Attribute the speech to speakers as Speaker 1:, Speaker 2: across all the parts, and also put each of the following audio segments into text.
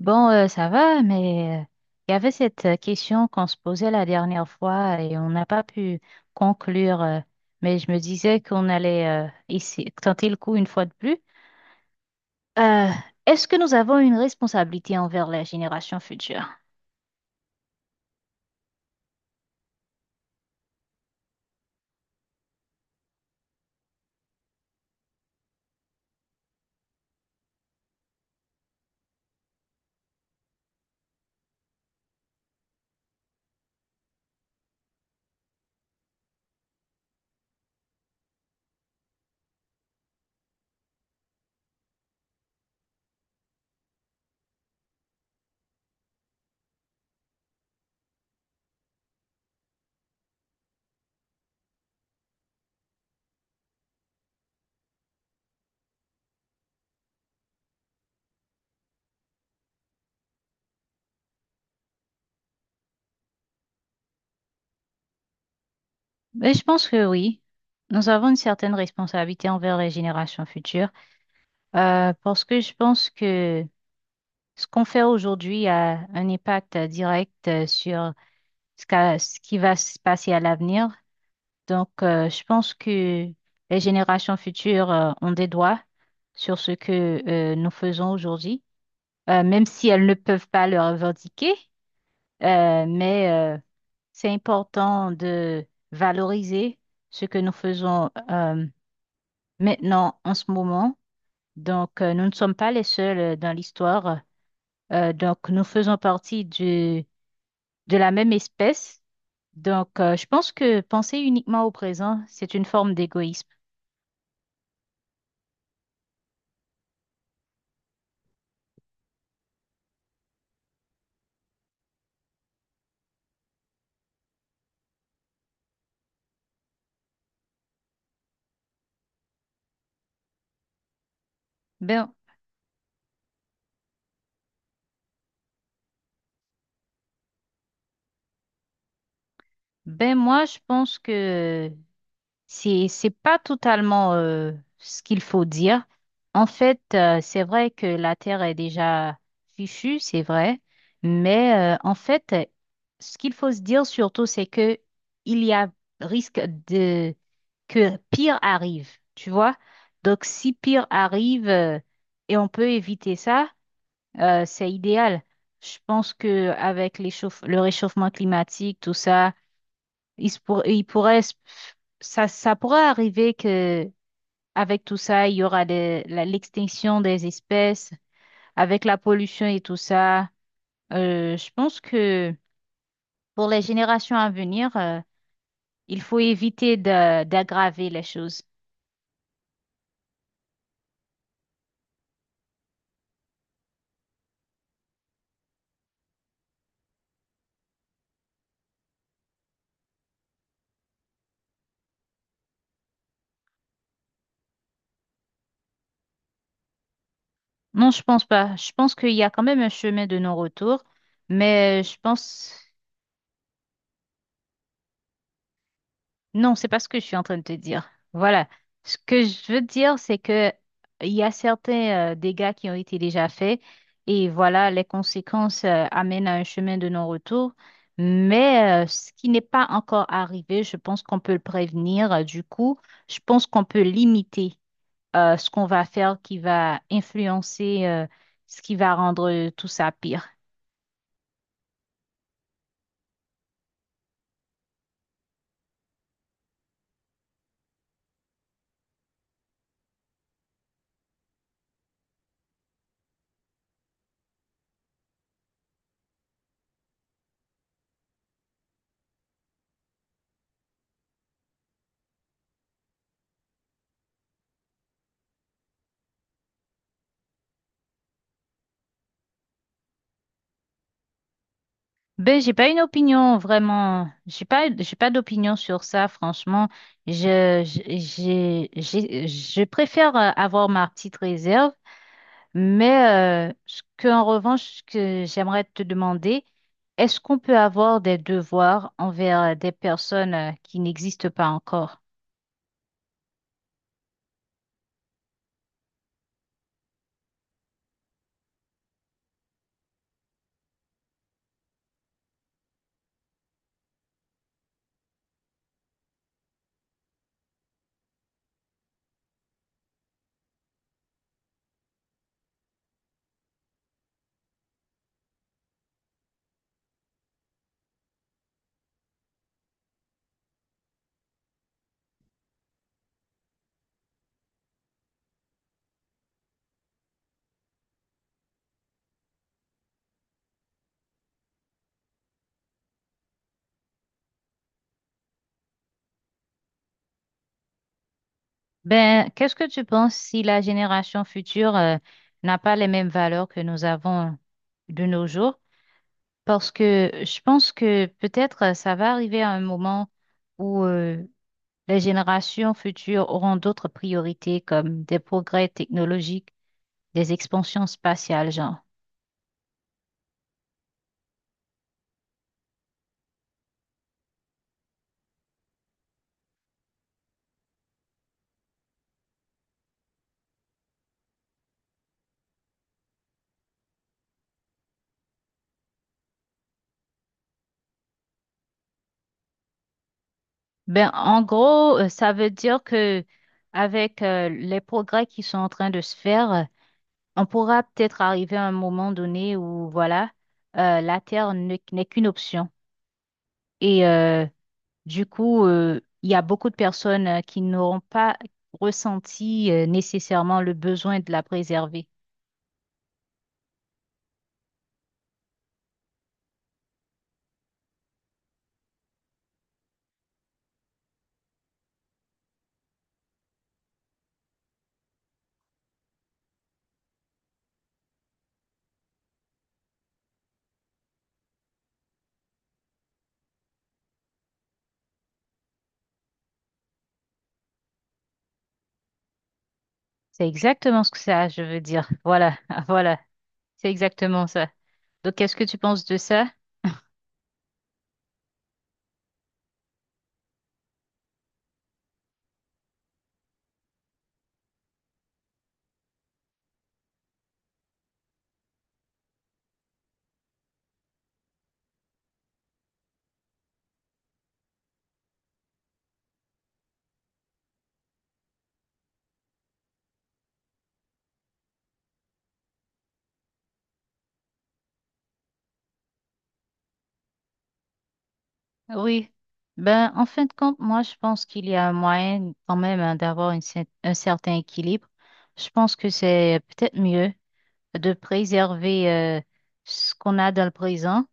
Speaker 1: Bon, ça va, mais il y avait cette question qu'on se posait la dernière fois et on n'a pas pu conclure. Mais je me disais qu'on allait ici tenter le coup une fois de plus. Euh, Est-ce que nous avons une responsabilité envers la génération future? Mais je pense que oui. Nous avons une certaine responsabilité envers les générations futures parce que je pense que ce qu'on fait aujourd'hui a un impact direct sur ce qui va se passer à l'avenir. Donc, je pense que les générations futures ont des droits sur ce que nous faisons aujourd'hui, même si elles ne peuvent pas le revendiquer. euh, mais euh, c'est important de valoriser ce que nous faisons maintenant, en ce moment. Donc, nous ne sommes pas les seuls dans l'histoire. Donc, nous faisons partie du de la même espèce. Donc, je pense que penser uniquement au présent, c'est une forme d'égoïsme. Ben, ben moi, je pense que c'est pas totalement ce qu'il faut dire. En fait, c'est vrai que la Terre est déjà fichue, c'est vrai, mais en fait, ce qu'il faut se dire surtout, c'est que il y a risque de que pire arrive, tu vois? Donc, si pire arrive et on peut éviter ça. C'est idéal. Je pense que avec le réchauffement climatique, tout ça, il, se pour- il pourrait, se- ça pourrait arriver que avec tout ça, il y aura l'extinction des espèces, avec la pollution et tout ça. Je pense que pour les générations à venir, il faut éviter d'aggraver les choses. Non, je pense pas. Je pense qu'il y a quand même un chemin de non-retour, mais je pense. Non, c'est pas ce que je suis en train de te dire. Voilà. Ce que je veux dire, c'est que il y a certains dégâts qui ont été déjà faits et voilà, les conséquences amènent à un chemin de non-retour. Mais ce qui n'est pas encore arrivé, je pense qu'on peut le prévenir. Du coup, je pense qu'on peut limiter ce qu'on va faire qui va influencer ce qui va rendre tout ça pire. Ben, j'ai pas une opinion vraiment. J'ai pas d'opinion sur ça, franchement. Je préfère avoir ma petite réserve, mais ce que, en revanche, ce que j'aimerais te demander, est-ce qu'on peut avoir des devoirs envers des personnes qui n'existent pas encore? Ben, qu'est-ce que tu penses si la génération future n'a pas les mêmes valeurs que nous avons de nos jours? Parce que je pense que peut-être ça va arriver à un moment où les générations futures auront d'autres priorités comme des progrès technologiques, des expansions spatiales, genre. Ben, en gros, ça veut dire que avec les progrès qui sont en train de se faire, on pourra peut-être arriver à un moment donné où, voilà, la Terre n'est qu'une option. Et du coup, il y a beaucoup de personnes qui n'auront pas ressenti nécessairement le besoin de la préserver. C'est exactement ce que ça, je veux dire. Voilà, voilà, c'est exactement ça. Donc, qu'est-ce que tu penses de ça? Oui, ben en fin de compte, moi je pense qu'il y a un moyen quand même hein, d'avoir un certain équilibre. Je pense que c'est peut-être mieux de préserver ce qu'on a dans le présent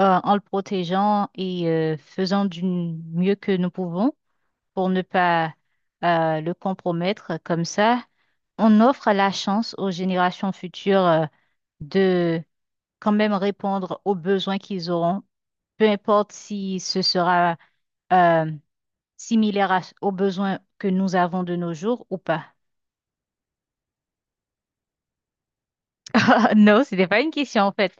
Speaker 1: en le protégeant et faisant du mieux que nous pouvons pour ne pas le compromettre. Comme ça, on offre la chance aux générations futures de quand même répondre aux besoins qu'ils auront, peu importe si ce sera euh, similaire aux besoins que nous avons de nos jours ou pas. Non, c'était pas une question en fait.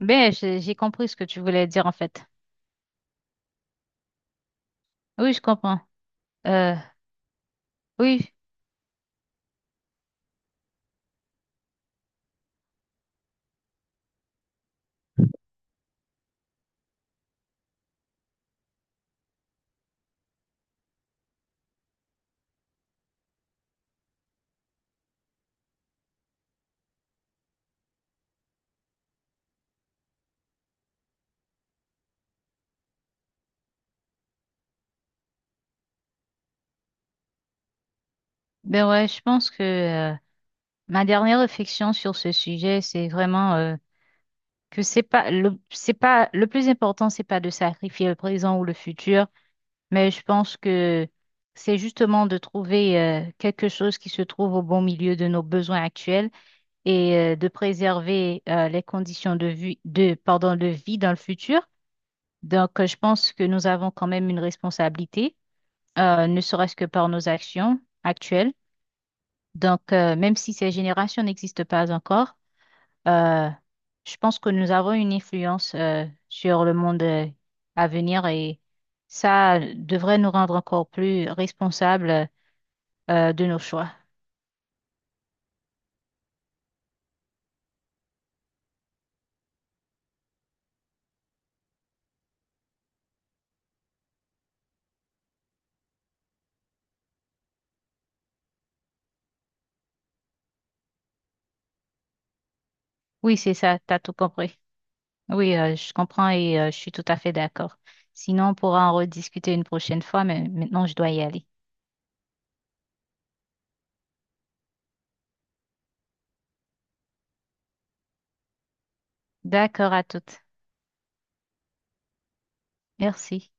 Speaker 1: Ben, j'ai compris ce que tu voulais dire en fait. Oui, je comprends. Euh, oui, ben ouais, je pense que euh, ma dernière réflexion sur ce sujet, c'est vraiment que c'est pas le plus important, c'est pas de sacrifier le présent ou le futur, mais je pense que c'est justement de trouver quelque chose qui se trouve au bon milieu de nos besoins actuels et de préserver les conditions de vie, de, pardon, de vie dans le futur. Donc, je pense que nous avons quand même une responsabilité, ne serait-ce que par nos actions actuelles. Donc, même si ces générations n'existent pas encore, euh, je pense que nous avons une influence sur le monde à venir et ça devrait nous rendre encore plus responsables de nos choix. Oui, c'est ça, t'as tout compris. Oui, je comprends et je suis tout à fait d'accord. Sinon, on pourra en rediscuter une prochaine fois, mais maintenant, je dois y aller. D'accord à toutes. Merci.